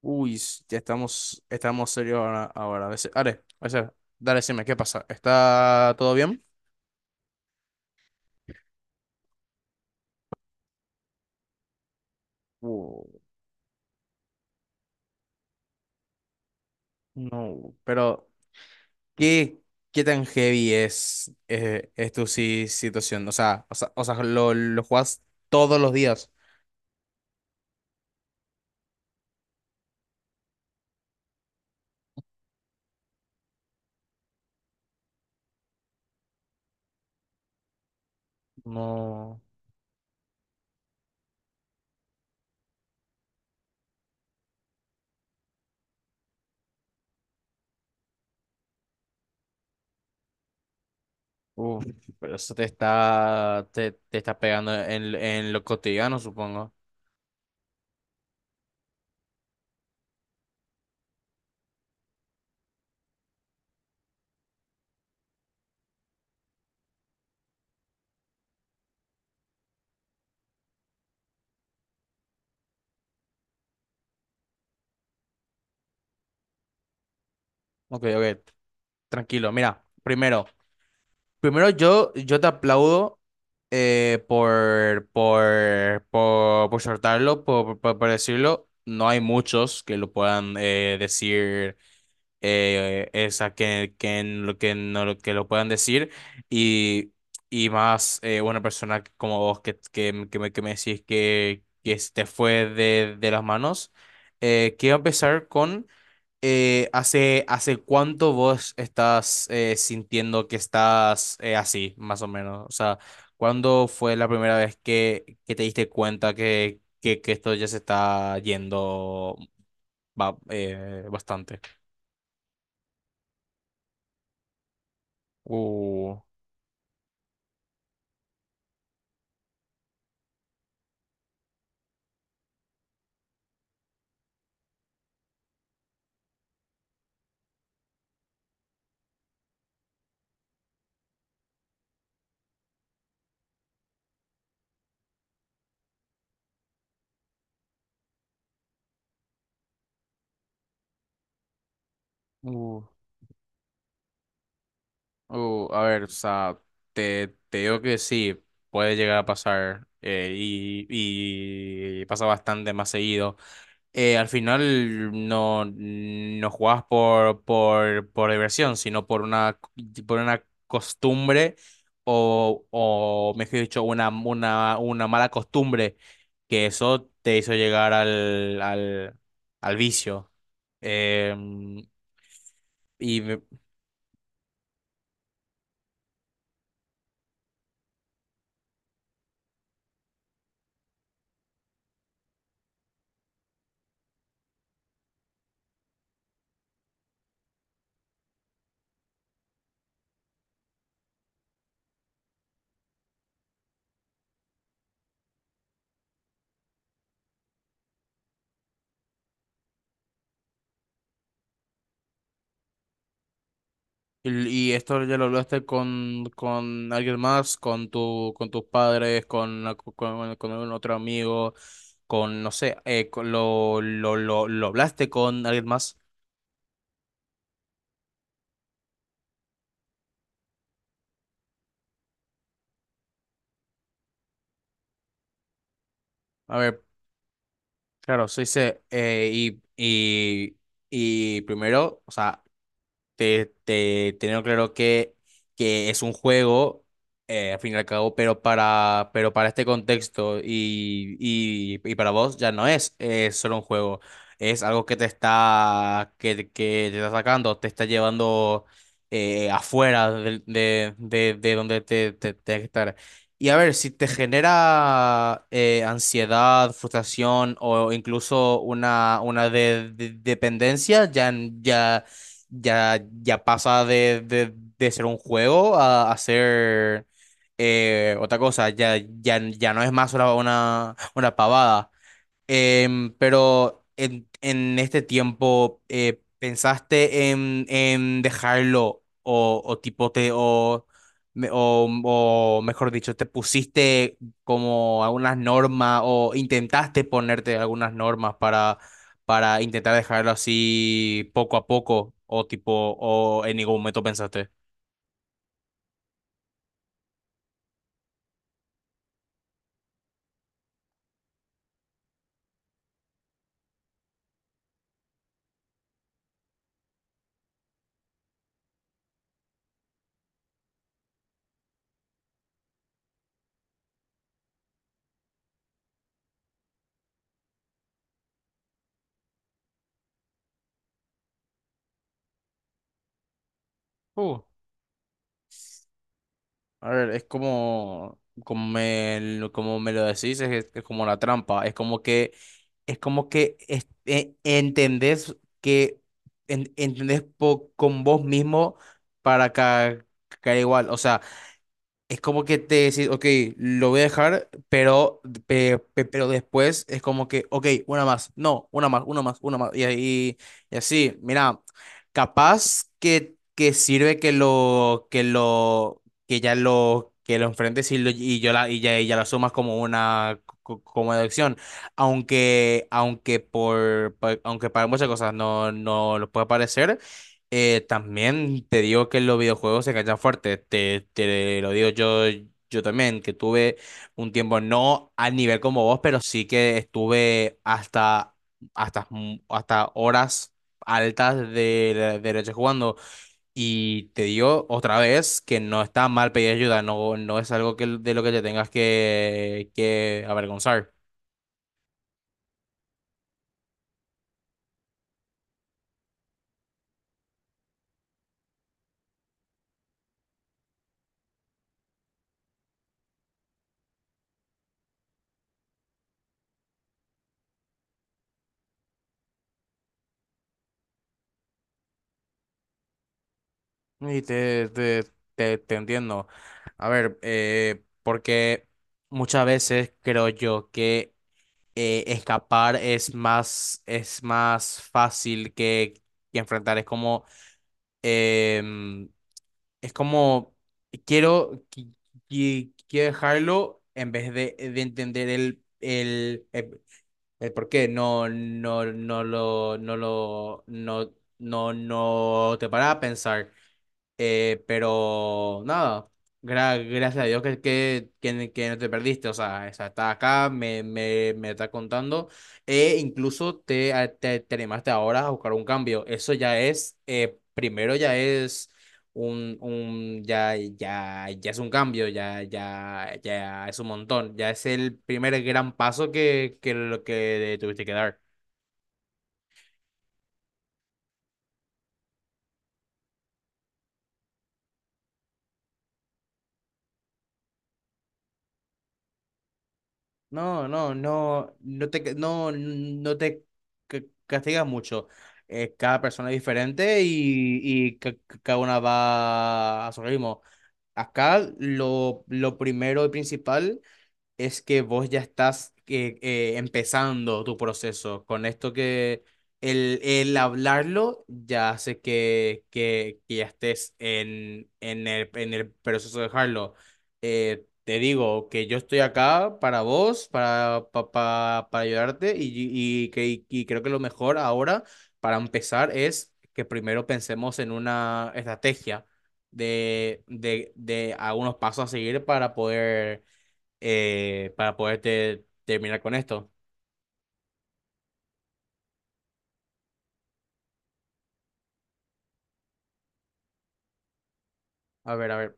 Uy, ya estamos serios ahora. A veces, Are, a veces, dale, decime, ¿qué pasa? ¿Está todo bien? Uh, no, pero ¿qué, ¿qué tan heavy es tu situación? O sea, lo jugás todos los días. No. Uf, pero eso te está, te está pegando en lo cotidiano, supongo. Ok, tranquilo. Mira, primero. Primero yo te aplaudo por soltarlo, por decirlo. No hay muchos que lo puedan decir, esa en lo que, no, lo que lo puedan decir. Y, y más una persona como vos que me decís que se te fue de las manos. Quiero empezar con hace cuánto vos estás sintiendo que estás así, más o menos? O sea, ¿cuándo fue la primera vez que te diste cuenta que esto ya se está yendo bastante? Uh, uh, a ver, o sea, te digo que sí, puede llegar a pasar y pasa bastante más seguido. Eh, al final no, no jugabas por diversión, sino por una costumbre o, mejor dicho, una mala costumbre que eso te hizo llegar al, al vicio. Em, y me- y esto ya lo hablaste con alguien más, con con tus padres, con algún otro amigo, con, no sé, lo hablaste con alguien más. A ver, claro, se dice, y primero, o sea, teniendo claro que es un juego, al fin y al cabo, pero para este contexto y para vos ya no es, solo un juego, es algo que te está, que te está sacando, te está llevando afuera de donde tienes que estar. Y a ver, si te genera ansiedad, frustración o incluso una dependencia, ya, ya pasa de ser un juego a ser otra cosa. Ya no es más una pavada. Pero en este tiempo, ¿pensaste en dejarlo o tipo te o, me- o mejor dicho, te pusiste como algunas normas o intentaste ponerte algunas normas para intentar dejarlo así poco a poco o tipo o en ningún momento pensaste? A ver, es como, como me lo decís, es como la trampa. Es como es como que entendés que entendés con vos mismo para caer igual. O sea. Es como que te decís, ok, lo voy a dejar, pero, pero después es como que, ok, una más, no, una más, una más, una más. Y, y así, mira, capaz que sirve que ya lo, que lo enfrentes y, lo- y yo la, y ya la sumas como una, como deducción. Aunque aunque para muchas cosas no, no lo puede parecer. También te digo que los videojuegos se enganchan fuerte, te lo digo yo, yo también, que tuve un tiempo, no al nivel como vos, pero sí que estuve hasta horas altas de, de noche jugando. Y te digo otra vez que no está mal pedir ayuda, no, no es algo que, de lo que te tengas que avergonzar. Y te entiendo. A ver, porque muchas veces creo yo que escapar es más fácil que enfrentar. Es como, em, es como, quiero, qui- quiero dejarlo en vez de entender el por qué. No, no, no lo, no lo, no, no, no te para a pensar. Pero nada, gracias a Dios que no te perdiste, o sea, esa está acá, me está contando, e incluso te animaste ahora a buscar un cambio, eso ya es, primero ya es un, ya es un cambio, ya es un montón, ya es el primer gran paso lo que tuviste que dar. No te castigas mucho. Cada persona es diferente y cada una va a su ritmo. Acá lo primero y principal es que vos ya estás empezando tu proceso. Con esto que el hablarlo ya hace que ya estés en el proceso de dejarlo. Te digo que yo estoy acá para vos, para ayudarte y creo que lo mejor ahora para empezar es que primero pensemos en una estrategia de algunos pasos a seguir para poder para poderte terminar con esto. A ver, a ver.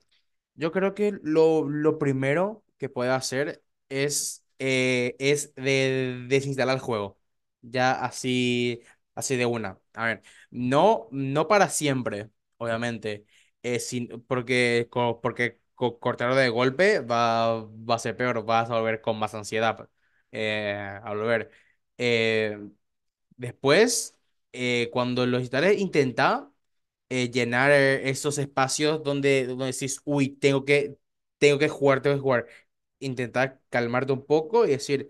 Yo creo que lo primero que puedes hacer es, desinstalar el juego. Ya así, así de una. A ver, no, no para siempre, obviamente. Eh, sin, porque cortarlo de golpe va a ser peor, vas a volver con más ansiedad eh, a volver. Eh, después, cuando lo instales, intenta llenar esos espacios donde, donde decís, uy, tengo tengo que jugar, tengo que jugar. Intentar calmarte un poco y decir,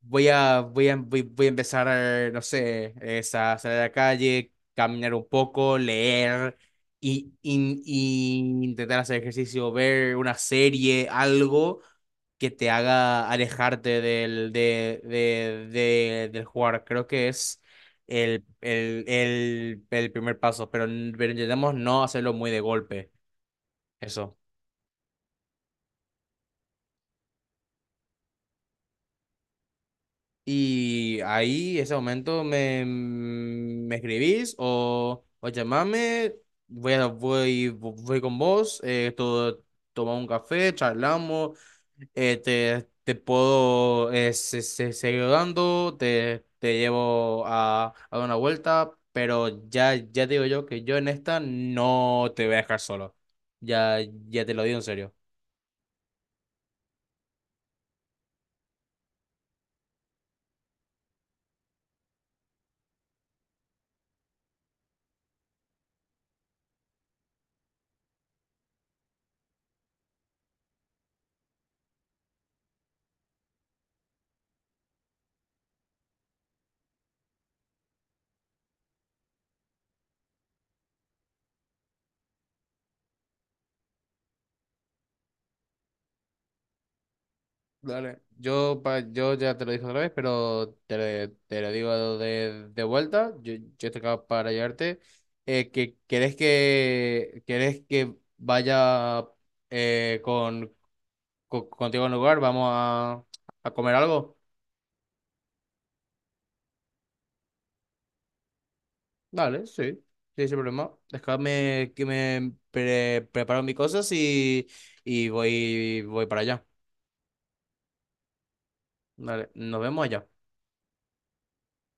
voy a empezar, no sé, es a salir a la calle, caminar un poco, leer y, y intentar hacer ejercicio, ver una serie, algo que te haga alejarte del, de- del jugar. Creo que es el primer paso, pero pero intentemos no hacerlo muy de golpe. Eso. Y ahí, ese momento, me escribís o llamame, voy con vos, tomamos un café, charlamos, te puedo seguir dando, te llevo a dar una vuelta, pero ya te digo yo que yo en esta no te voy a dejar solo. Ya, ya te lo digo en serio. Dale. Yo, yo ya te lo dije otra vez, pero te lo digo de vuelta. Yo estoy acá para ayudarte. ¿Querés querés que vaya eh, con, contigo al lugar? ¿Vamos a comer algo? Dale, sí. Sí, sin problema. Déjame que me preparo mis cosas y voy, voy para allá. Dale, nos vemos allá.